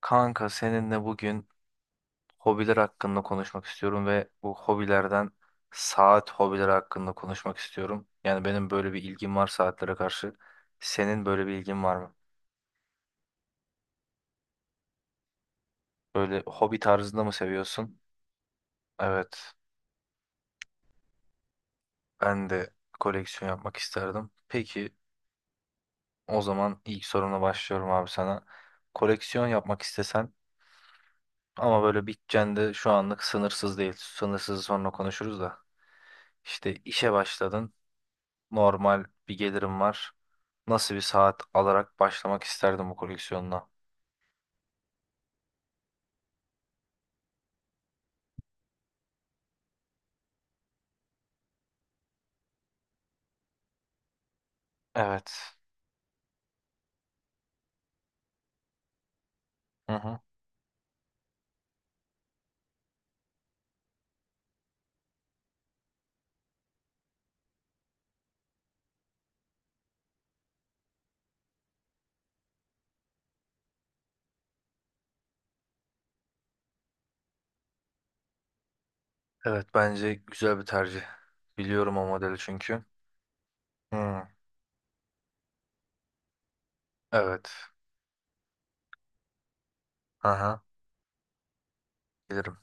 Kanka seninle bugün hobiler hakkında konuşmak istiyorum ve bu hobilerden saat hobileri hakkında konuşmak istiyorum. Yani benim böyle bir ilgim var saatlere karşı. Senin böyle bir ilgin var mı? Böyle hobi tarzında mı seviyorsun? Evet, ben de koleksiyon yapmak isterdim. Peki o zaman ilk sorumla başlıyorum abi sana. Koleksiyon yapmak istesen ama böyle bütçen de şu anlık sınırsız değil. Sınırsız sonra konuşuruz da. İşte işe başladın. Normal bir gelirim var. Nasıl bir saat alarak başlamak isterdim bu koleksiyonuna? Evet. Hı hı. Evet bence güzel bir tercih. Biliyorum o modeli çünkü. Hmm. Evet. Aha, bilirim.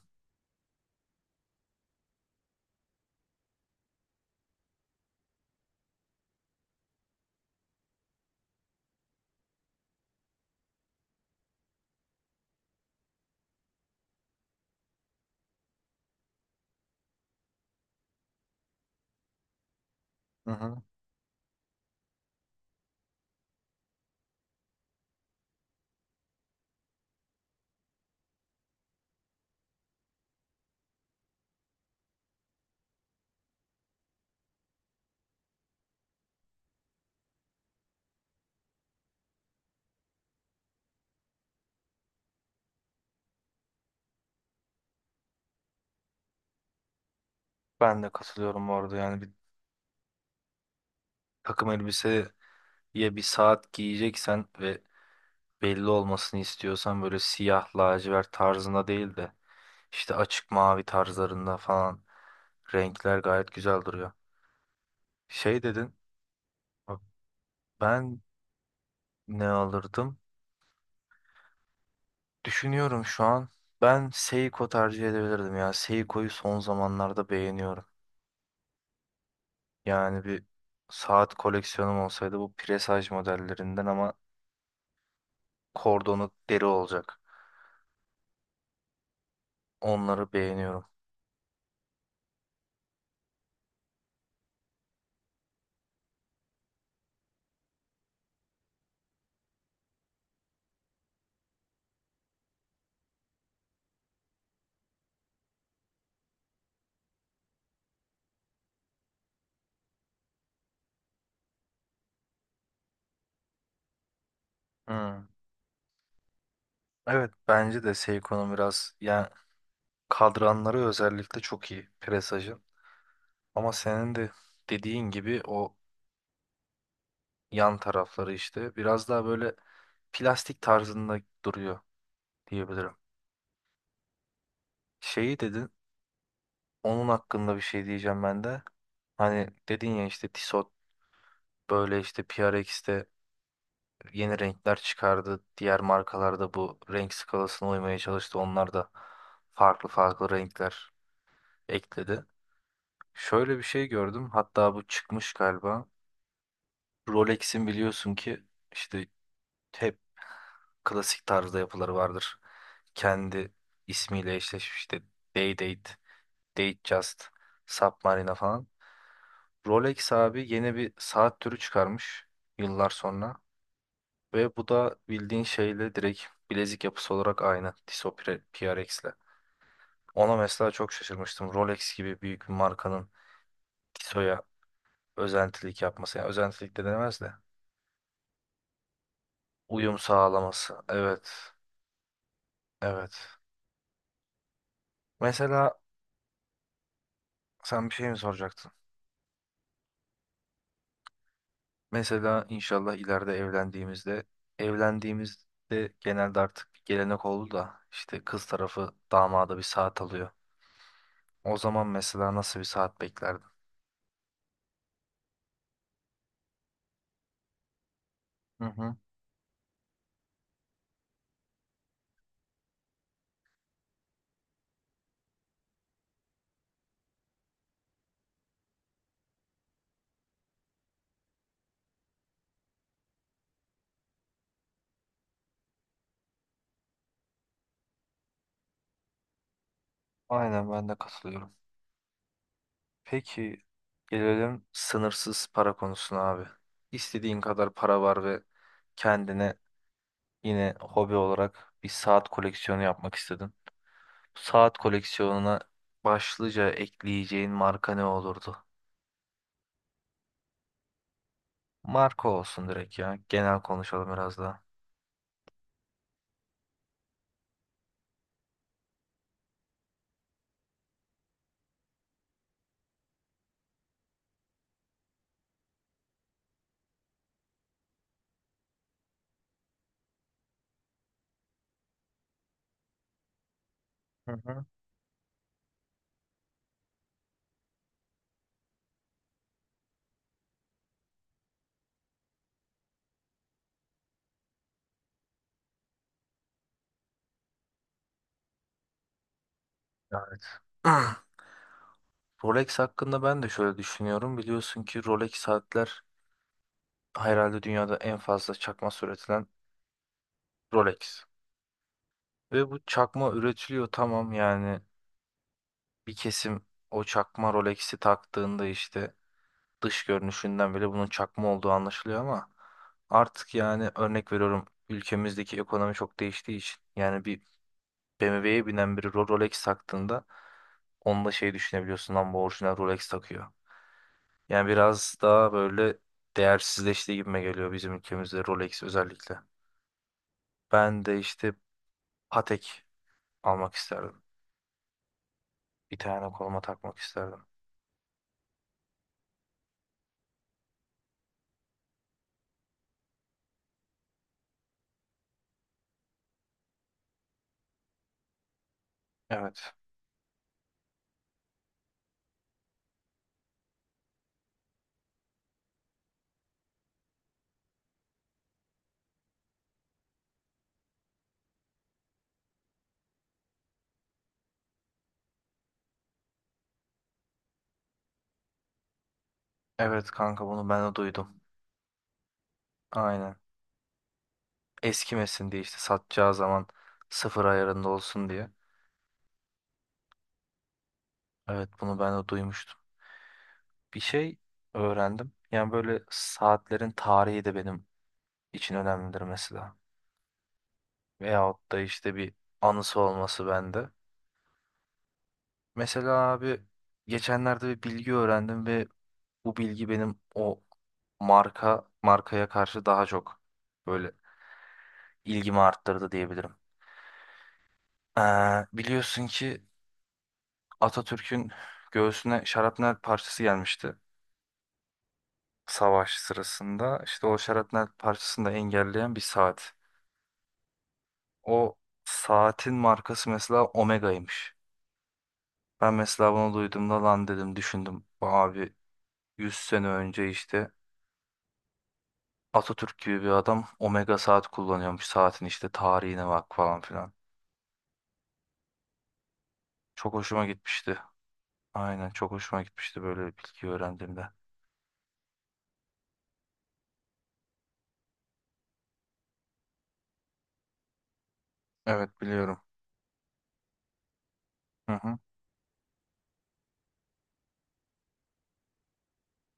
Hı hı. Ben de katılıyorum bu arada. Yani bir takım elbiseye bir saat giyeceksen ve belli olmasını istiyorsan böyle siyah lacivert tarzında değil de işte açık mavi tarzlarında falan renkler gayet güzel duruyor. Şey dedin. Bak, Ben ne alırdım? Düşünüyorum şu an. Ben Seiko tercih edebilirdim ya. Seiko'yu son zamanlarda beğeniyorum. Yani bir saat koleksiyonum olsaydı bu presaj modellerinden ama kordonu deri olacak. Onları beğeniyorum. Hmm. Evet bence de Seiko'nun biraz yani kadranları özellikle çok iyi presajın. Ama senin de dediğin gibi o yan tarafları işte biraz daha böyle plastik tarzında duruyor diyebilirim. Şeyi dedin. Onun hakkında bir şey diyeceğim ben de. Hani dedin ya işte Tissot böyle işte PRX'te yeni renkler çıkardı. Diğer markalarda bu renk skalasına uymaya çalıştı. Onlar da farklı farklı renkler ekledi. Şöyle bir şey gördüm. Hatta bu çıkmış galiba. Rolex'in biliyorsun ki işte hep klasik tarzda yapıları vardır. Kendi ismiyle eşleşmiş işte Day-Date, Just, Submarina falan. Rolex abi yeni bir saat türü çıkarmış yıllar sonra. Ve bu da bildiğin şeyle direkt bilezik yapısı olarak aynı Tissot PRX'le. Ona mesela çok şaşırmıştım. Rolex gibi büyük bir markanın Tissot'a özentilik yapması. Yani özentilik de denemez de. Uyum sağlaması. Evet. Evet. Mesela sen bir şey mi soracaktın? Mesela inşallah ileride evlendiğimizde genelde artık bir gelenek oldu da işte kız tarafı damada bir saat alıyor. O zaman mesela nasıl bir saat beklerdin? Hı hı. Aynen ben de katılıyorum. Peki gelelim sınırsız para konusuna abi. İstediğin kadar para var ve kendine yine hobi olarak bir saat koleksiyonu yapmak istedin. Saat koleksiyonuna başlıca ekleyeceğin marka ne olurdu? Marka olsun direkt ya. Genel konuşalım biraz daha. Hı hı. Evet. Rolex hakkında ben de şöyle düşünüyorum. Biliyorsun ki Rolex saatler herhalde dünyada en fazla çakma üretilen Rolex. Ve bu çakma üretiliyor tamam yani bir kesim o çakma Rolex'i taktığında işte dış görünüşünden bile bunun çakma olduğu anlaşılıyor ama artık yani örnek veriyorum ülkemizdeki ekonomi çok değiştiği için yani bir BMW'ye binen biri Rolex taktığında onunla şey düşünebiliyorsun lan bu orijinal Rolex takıyor. Yani biraz daha böyle değersizleştiği gibime geliyor bizim ülkemizde Rolex özellikle. Ben de işte Patek almak isterdim. Bir tane koluma takmak isterdim. Evet. Evet kanka bunu ben de duydum. Aynen. Eskimesin diye işte satacağı zaman sıfır ayarında olsun diye. Evet bunu ben de duymuştum. Bir şey öğrendim. Yani böyle saatlerin tarihi de benim için önemlidir mesela. Veyahut da işte bir anısı olması bende. Mesela abi geçenlerde bir bilgi öğrendim ve bu bilgi benim o marka markaya karşı daha çok böyle ilgimi arttırdı diyebilirim. Biliyorsun ki Atatürk'ün göğsüne şarapnel parçası gelmişti savaş sırasında. İşte o şarapnel parçasını da engelleyen bir saat. O saatin markası mesela Omega'ymış. Ben mesela bunu duyduğumda lan dedim düşündüm. Abi 100 sene önce işte Atatürk gibi bir adam Omega saat kullanıyormuş. Saatin işte tarihine bak falan filan. Çok hoşuma gitmişti. Aynen çok hoşuma gitmişti böyle bir bilgi öğrendiğimde. Evet biliyorum. Hı hı.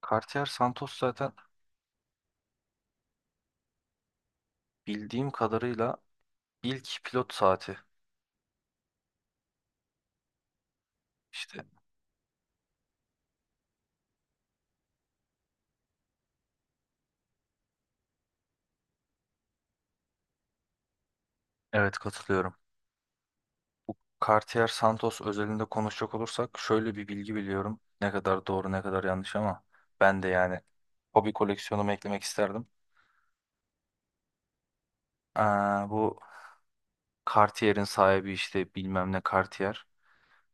Cartier Santos zaten bildiğim kadarıyla ilk pilot saati işte evet katılıyorum. Cartier Santos özelinde konuşacak olursak şöyle bir bilgi biliyorum. Ne kadar doğru ne kadar yanlış ama ben de yani hobi koleksiyonumu eklemek isterdim. Aa, bu Cartier'in sahibi işte bilmem ne Cartier.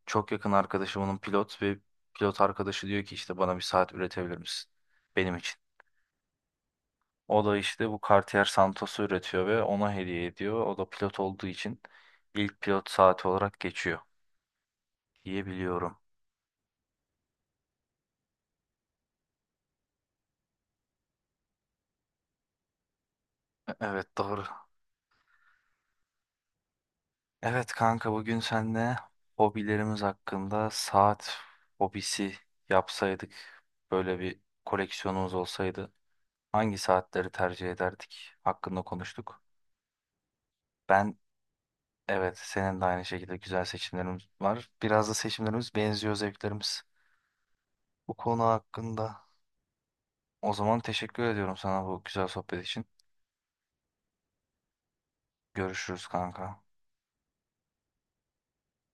Çok yakın arkadaşımın pilot ve pilot arkadaşı diyor ki işte bana bir saat üretebilir misin? Benim için. O da işte bu Cartier Santos'u üretiyor ve ona hediye ediyor. O da pilot olduğu için ilk pilot saati olarak geçiyor. Diyebiliyorum. Evet doğru. Evet kanka bugün seninle hobilerimiz hakkında saat hobisi yapsaydık böyle bir koleksiyonumuz olsaydı hangi saatleri tercih ederdik hakkında konuştuk. Ben evet senin de aynı şekilde güzel seçimlerimiz var. Biraz da seçimlerimiz benziyor zevklerimiz bu konu hakkında. O zaman teşekkür ediyorum sana bu güzel sohbet için. Görüşürüz kanka.